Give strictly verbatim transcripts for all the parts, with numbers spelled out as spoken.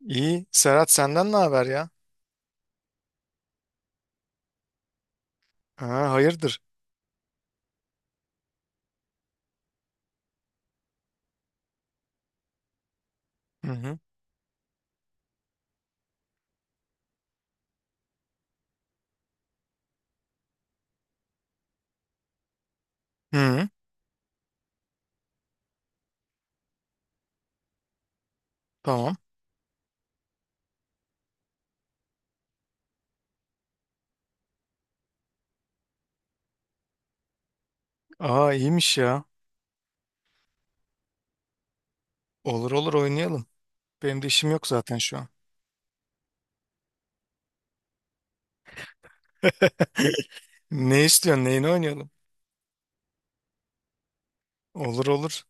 İyi. Serhat senden ne haber ya? Ha, hayırdır? Hı hı. Hı hı. Tamam. Aa, iyiymiş ya. Olur olur, oynayalım. Benim de işim yok zaten şu an. Ne istiyorsun? Neyini oynayalım? Olur olur.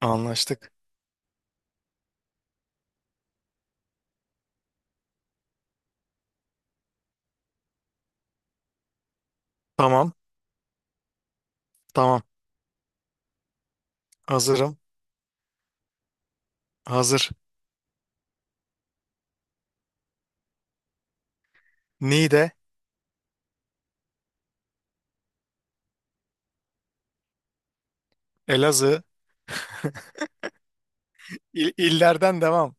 Anlaştık. Tamam. Tamam. Hazırım. Hazır. Niğde, Elazığ. İl illerden devam.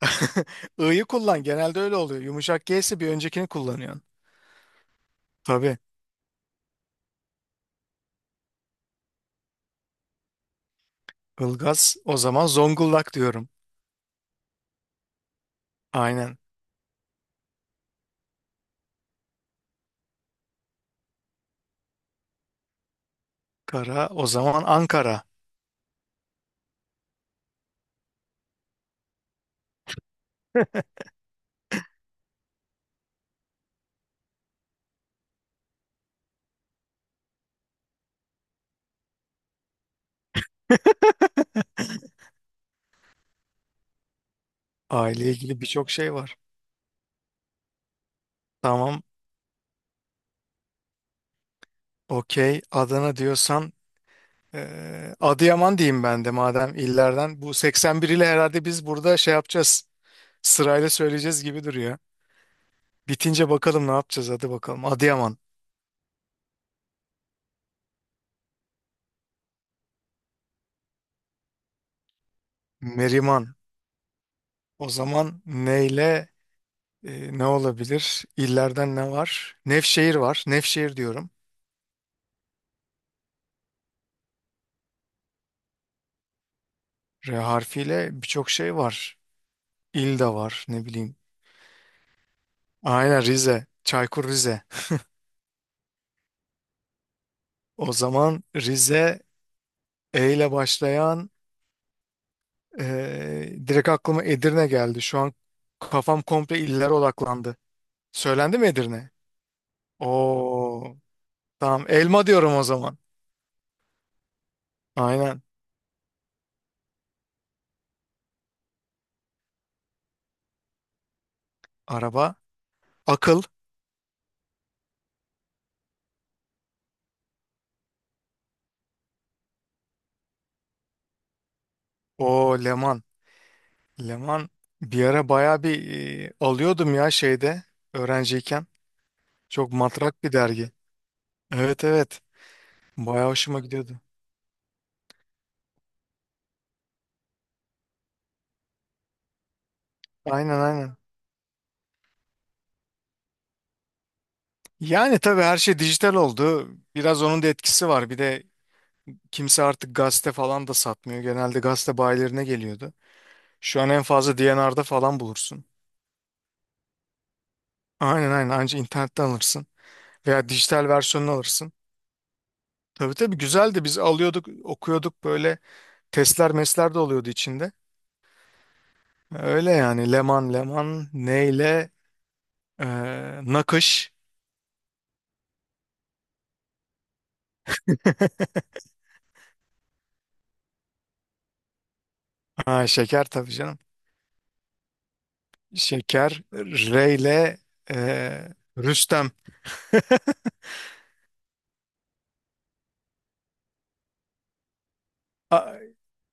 I'yı kullan. Genelde öyle oluyor. Yumuşak G'si bir öncekini kullanıyorsun. Tabii. Ilgaz o zaman Zonguldak diyorum. Aynen. Kara o zaman Ankara. Aile ilgili birçok şey var. Tamam, okey. Adana diyorsan eee, Adıyaman diyeyim ben de madem illerden. Bu seksen bir ile herhalde biz burada şey yapacağız. Sırayla söyleyeceğiz gibi duruyor. Bitince bakalım ne yapacağız, hadi bakalım. Adıyaman, Meriman. O zaman neyle e, ne olabilir? İllerden ne var? Nevşehir var. Nevşehir diyorum. R harfiyle birçok şey var. İl de var, ne bileyim. Aynen Rize. Çaykur Rize. O zaman Rize, E ile başlayan, e, direkt aklıma Edirne geldi. Şu an kafam komple illere odaklandı. Söylendi mi Edirne? Oo, tamam. Elma diyorum o zaman. Aynen. Araba. Akıl. O Leman. Leman bir ara baya bir, e, alıyordum ya şeyde, öğrenciyken. Çok matrak bir dergi. Evet, evet. Baya hoşuma gidiyordu. Aynen, aynen. Yani tabii her şey dijital oldu. Biraz onun da etkisi var. Bir de kimse artık gazete falan da satmıyor. Genelde gazete bayilerine geliyordu. Şu an en fazla D and R'da falan bulursun. Aynen aynen, anca internetten alırsın. Veya dijital versiyonunu alırsın. Tabii tabii, güzeldi. Biz alıyorduk, okuyorduk, böyle testler mesler de oluyordu içinde. Öyle yani. Leman Leman neyle eee nakış. Ha, şeker tabii canım. Şeker Reyle eee Rüstem. A-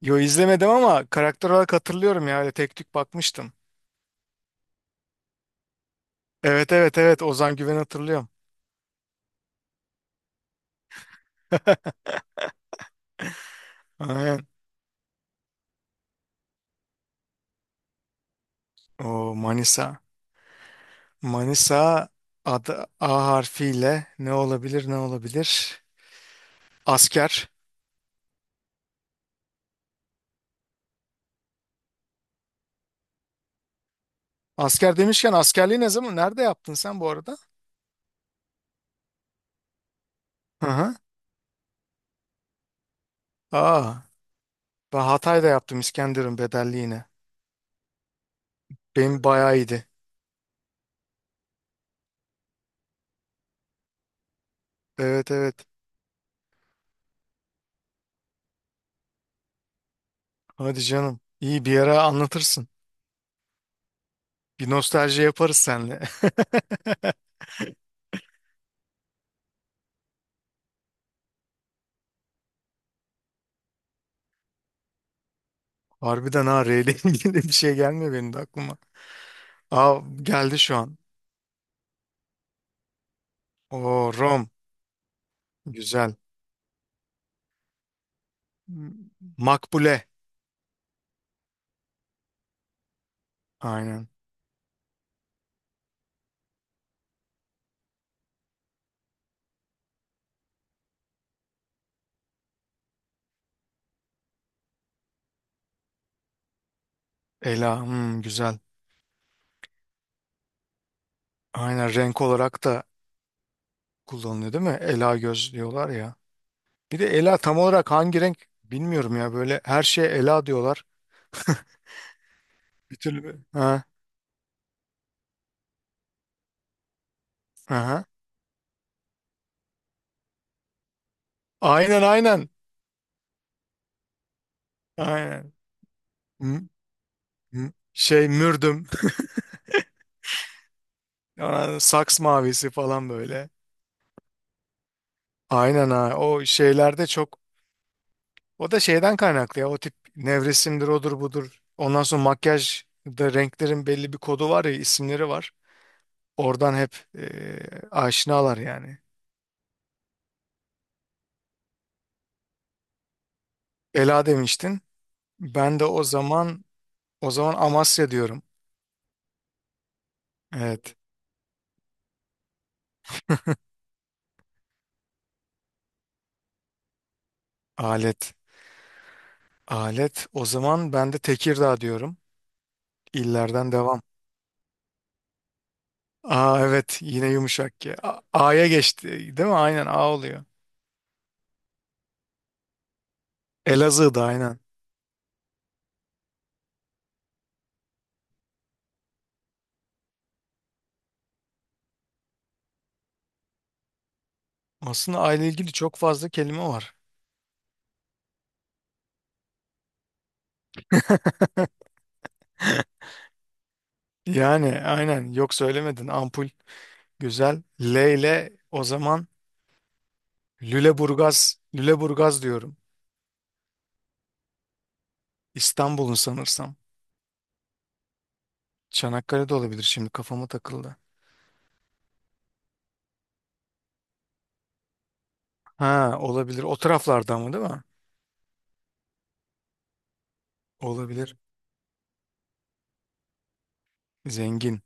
yo, izlemedim ama karakter olarak hatırlıyorum ya. Öyle tek tük bakmıştım. Evet evet evet, Ozan Güven'i hatırlıyorum. Aynen. O Manisa. Manisa adı A harfiyle ne olabilir, ne olabilir? Asker. Asker demişken, askerliği ne zaman nerede yaptın sen bu arada? Hı hı. Aa, ben Hatay'da yaptım, İskenderun bedelliğine. Benim bayağı iyiydi. Evet, evet. Hadi canım. İyi, bir ara anlatırsın. Bir nostalji yaparız seninle. Harbiden ha, R ile ilgili bir şey gelmiyor benim de aklıma. Aa, geldi şu an. O Rom. Güzel. Hmm. Makbule. Aynen. Ela. Hmm, güzel. Aynen, renk olarak da kullanılıyor değil mi? Ela göz diyorlar ya. Bir de ela tam olarak hangi renk bilmiyorum ya. Böyle her şeye ela diyorlar. Bir türlü. Ha, aha. Aynen aynen. Aynen. M- m- şey mürdüm. Aa, Saks mavisi falan böyle. Aynen ha. O şeylerde çok. O da şeyden kaynaklı ya. O tip nevresimdir, odur budur. Ondan sonra makyaj da, renklerin belli bir kodu var ya, isimleri var. Oradan hep e, aşinalar yani. Ela demiştin. Ben de o zaman, o zaman Amasya diyorum. Evet. Alet. Alet. O zaman ben de Tekirdağ diyorum. İllerden devam. Aa evet, yine yumuşak ki A- A'ya geçti değil mi? Aynen A oluyor. Elazığ'da aynen. Aslında A ile ilgili çok fazla kelime var. Yani aynen, yok söylemedin. Ampul güzel. L ile o zaman Lüleburgaz, Lüleburgaz diyorum. İstanbul'un sanırsam. Çanakkale'de olabilir, şimdi kafama takıldı. Ha, olabilir. O taraflarda ama değil mi? Olabilir. Zengin.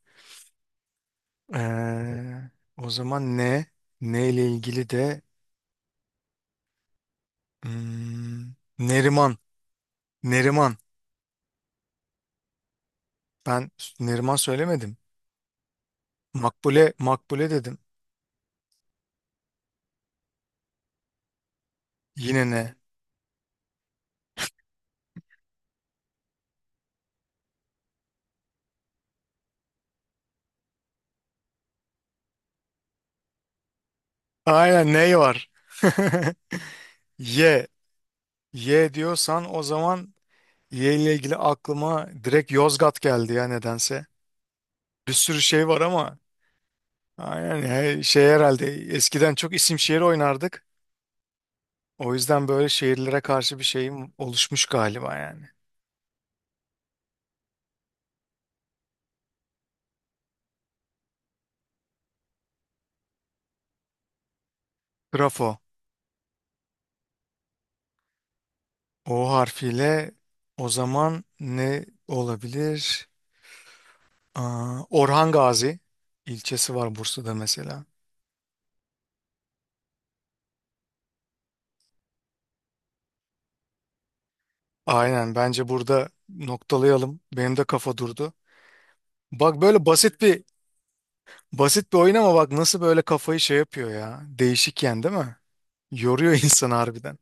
Evet. Ee, o zaman ne? Ne ile ilgili de, hmm, Neriman. Neriman. Ben Neriman söylemedim. Makbule, Makbule dedim. Yine ne? Aynen ne var? Y. Y diyorsan o zaman, Y ile ilgili aklıma direkt Yozgat geldi ya nedense. Bir sürü şey var ama. Aynen, he- şey herhalde eskiden çok isim şehir oynardık. O yüzden böyle şehirlere karşı bir şeyim oluşmuş galiba yani. Grafo. O harfiyle o zaman ne olabilir? Aa, Orhan Gazi ilçesi var Bursa'da mesela. Aynen, bence burada noktalayalım. Benim de kafa durdu. Bak, böyle basit bir, basit bir oyun ama bak nasıl böyle kafayı şey yapıyor ya. Değişik yani değil mi? Yoruyor insan harbiden.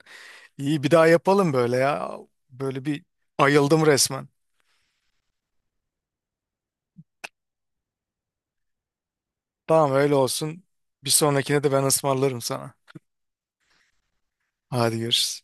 İyi, bir daha yapalım böyle ya. Böyle bir, ayıldım resmen. Tamam, öyle olsun. Bir sonrakine de ben ısmarlarım sana. Hadi görüşürüz.